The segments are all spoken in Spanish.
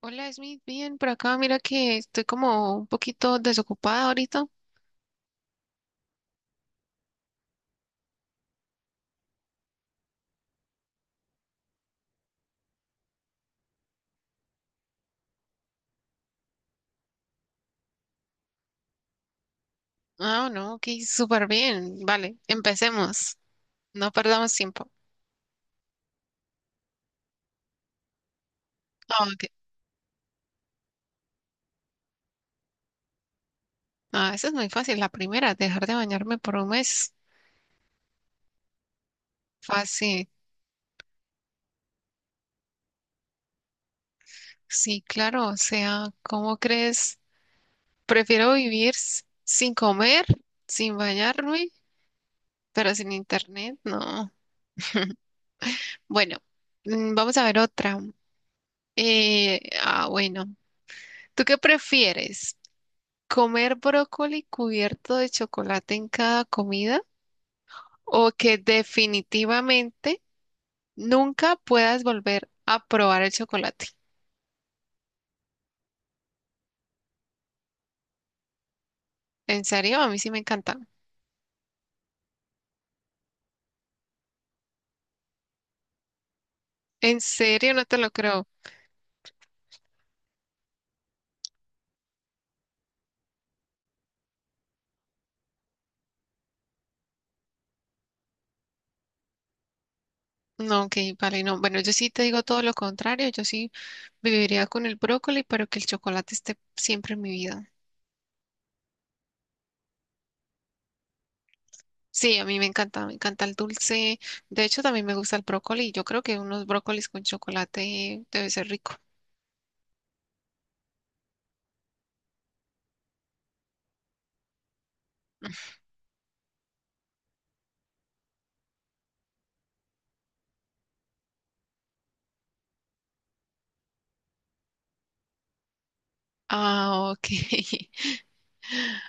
Hola Smith, bien por acá. Mira que estoy como un poquito desocupada ahorita. Ah, no, ok, súper bien. Vale, empecemos. No perdamos tiempo. Ok. Esa es muy fácil. La primera, dejar de bañarme por un mes. Fácil. Sí, claro. O sea, ¿cómo crees? Prefiero vivir sin comer, sin bañarme, pero sin internet, no. Bueno, vamos a ver otra. Bueno. ¿Tú qué prefieres? ¿Comer brócoli cubierto de chocolate en cada comida o que definitivamente nunca puedas volver a probar el chocolate? ¿En serio? A mí sí me encanta. ¿En serio? No te lo creo. No, ok, vale, no. Bueno, yo sí te digo todo lo contrario. Yo sí viviría con el brócoli, pero que el chocolate esté siempre en mi vida. Sí, a mí me encanta el dulce. De hecho, también me gusta el brócoli. Yo creo que unos brócolis con chocolate debe ser rico. Ah, ok.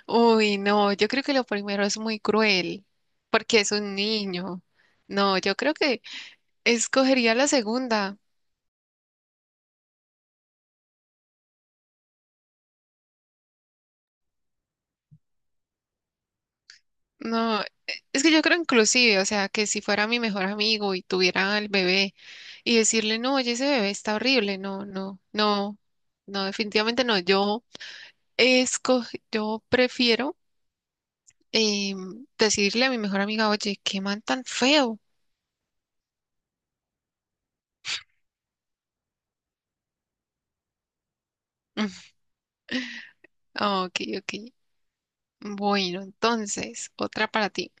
Uy, no, yo creo que lo primero es muy cruel, porque es un niño. No, yo creo que escogería la segunda. No, e- es que yo creo inclusive, o sea, que si fuera mi mejor amigo y tuviera al bebé y decirle, no, oye, ese bebé está horrible, no, no, no, no, definitivamente no. Esco, yo prefiero decirle a mi mejor amiga, oye, qué man tan feo. Ok, ok. Bueno, entonces, otra para ti.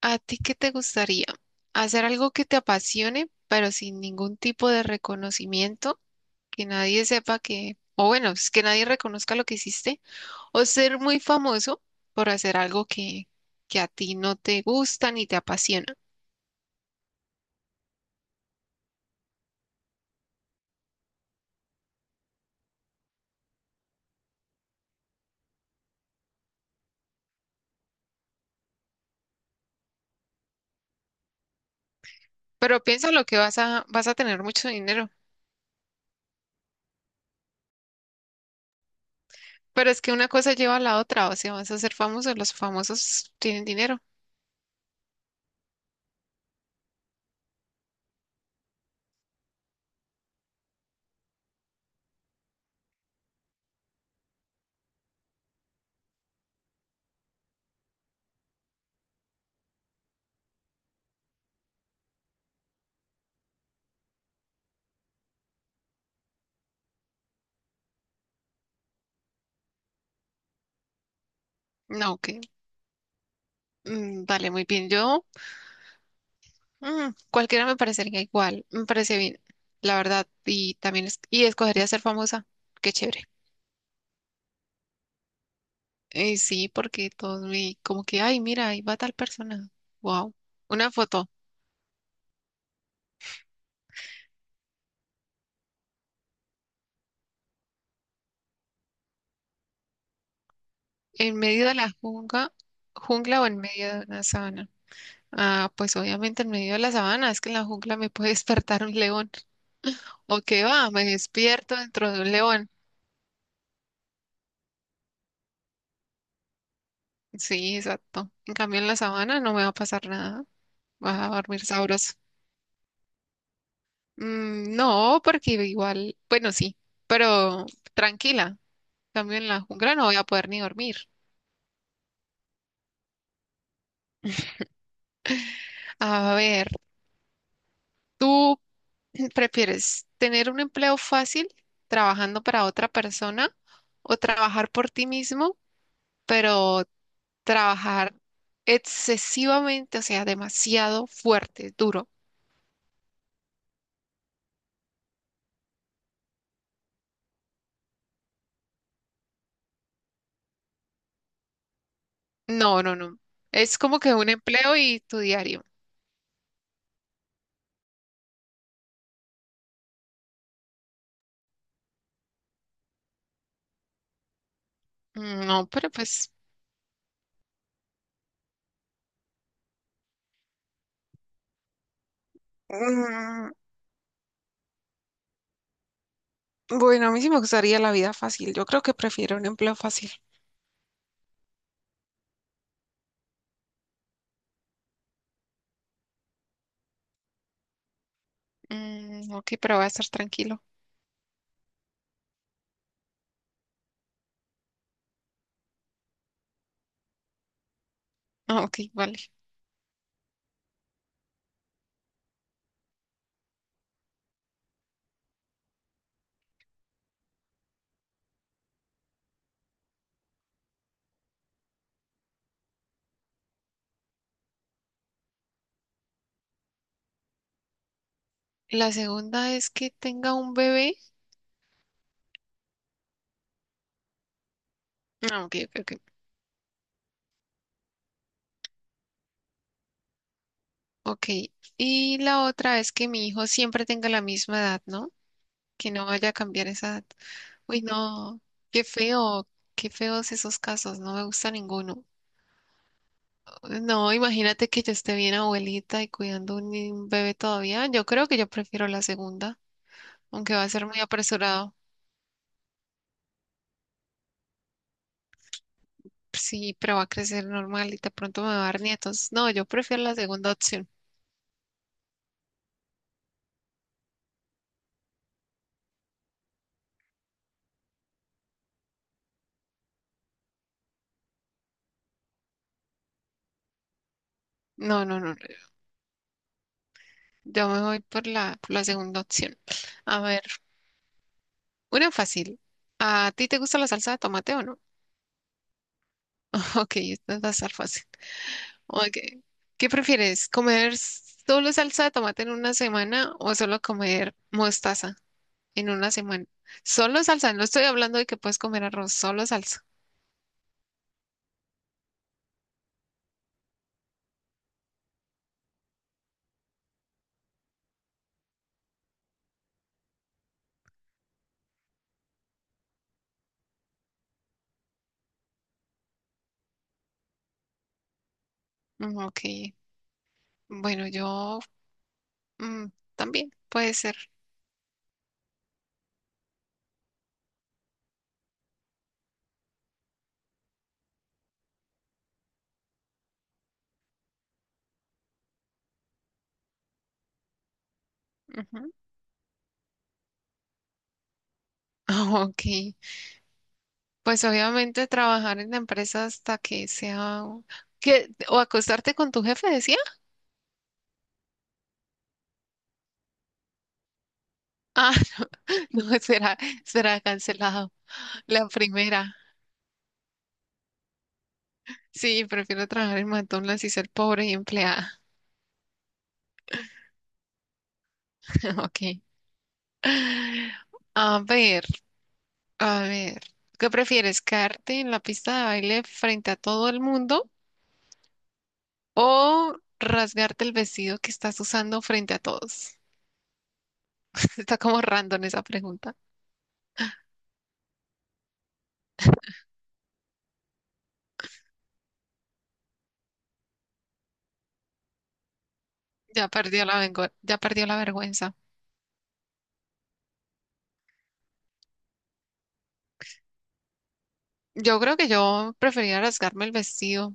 ¿A ti qué te gustaría? ¿Hacer algo que te apasione, pero sin ningún tipo de reconocimiento? Que nadie sepa que, o bueno, pues, que nadie reconozca lo que hiciste. ¿O ser muy famoso por hacer algo que a ti no te gusta ni te apasiona? Pero piensa lo que vas a tener mucho dinero. Pero es que una cosa lleva a la otra, o sea, vas a ser famoso, los famosos tienen dinero. No, que, mm, vale, muy bien. Cualquiera me parecería igual, me parece bien, la verdad, y escogería ser famosa, qué chévere. Sí, porque como que, ay, mira, ahí va tal persona, wow, una foto, en medio de la jungla o en medio de una sabana. Ah, pues obviamente en medio de la sabana, es que en la jungla me puede despertar un león, o qué va, me despierto dentro de un león. Sí, exacto. En cambio en la sabana no me va a pasar nada, vas a dormir sabroso. No, porque igual, bueno, sí, pero tranquila. Cambio en la jungla no voy a poder ni dormir. A ver, ¿tú prefieres tener un empleo fácil trabajando para otra persona o trabajar por ti mismo, pero trabajar excesivamente, o sea, demasiado fuerte, duro? No, no, no. Es como que un empleo y tu diario. No, pero pues. Bueno, a mí sí me gustaría la vida fácil. Yo creo que prefiero un empleo fácil. Ok, pero va a estar tranquilo. Ah, ok, vale. La segunda es que tenga un bebé. Ah, ok, ok, ok. Ok. Y la otra es que mi hijo siempre tenga la misma edad, ¿no? Que no vaya a cambiar esa edad. Uy, no, qué feo, qué feos esos casos, no me gusta ninguno. No, imagínate que yo esté bien abuelita y cuidando un, ni- un bebé todavía. Yo creo que yo prefiero la segunda, aunque va a ser muy apresurado. Sí, pero va a crecer normal y de pronto me va a dar nietos. No, yo prefiero la segunda opción. No, no, no. Yo me voy por por la segunda opción. A ver, una fácil. ¿A ti te gusta la salsa de tomate o no? Ok, esta va a estar fácil. Ok. ¿Qué prefieres? ¿Comer solo salsa de tomate en una semana o solo comer mostaza en una semana? Solo salsa, no estoy hablando de que puedes comer arroz, solo salsa. Ok. Bueno, yo mm, también puede ser. Ujú. Ah, ok, pues obviamente trabajar en la empresa hasta que o acostarte con tu jefe, decía. Ah, no, será, será cancelado. La primera. Sí, prefiero trabajar en McDonald's y ser pobre y empleada. Ok. A ver, a ver, ¿qué prefieres, caerte en la pista de baile frente a todo el mundo o rasgarte el vestido que estás usando frente a todos? Está como random esa pregunta. Ya perdió la vergüenza. Yo creo que yo prefería rasgarme el vestido.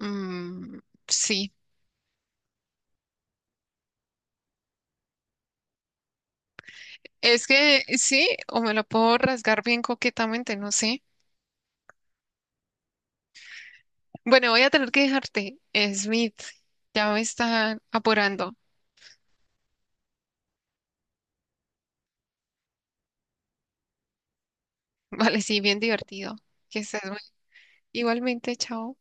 Mm, sí, es que sí, o me lo puedo rasgar bien coquetamente, no sé. Bueno, voy a tener que dejarte, Smith. Ya me están apurando. Vale, sí, bien divertido. Que estés muy- Igualmente, chao.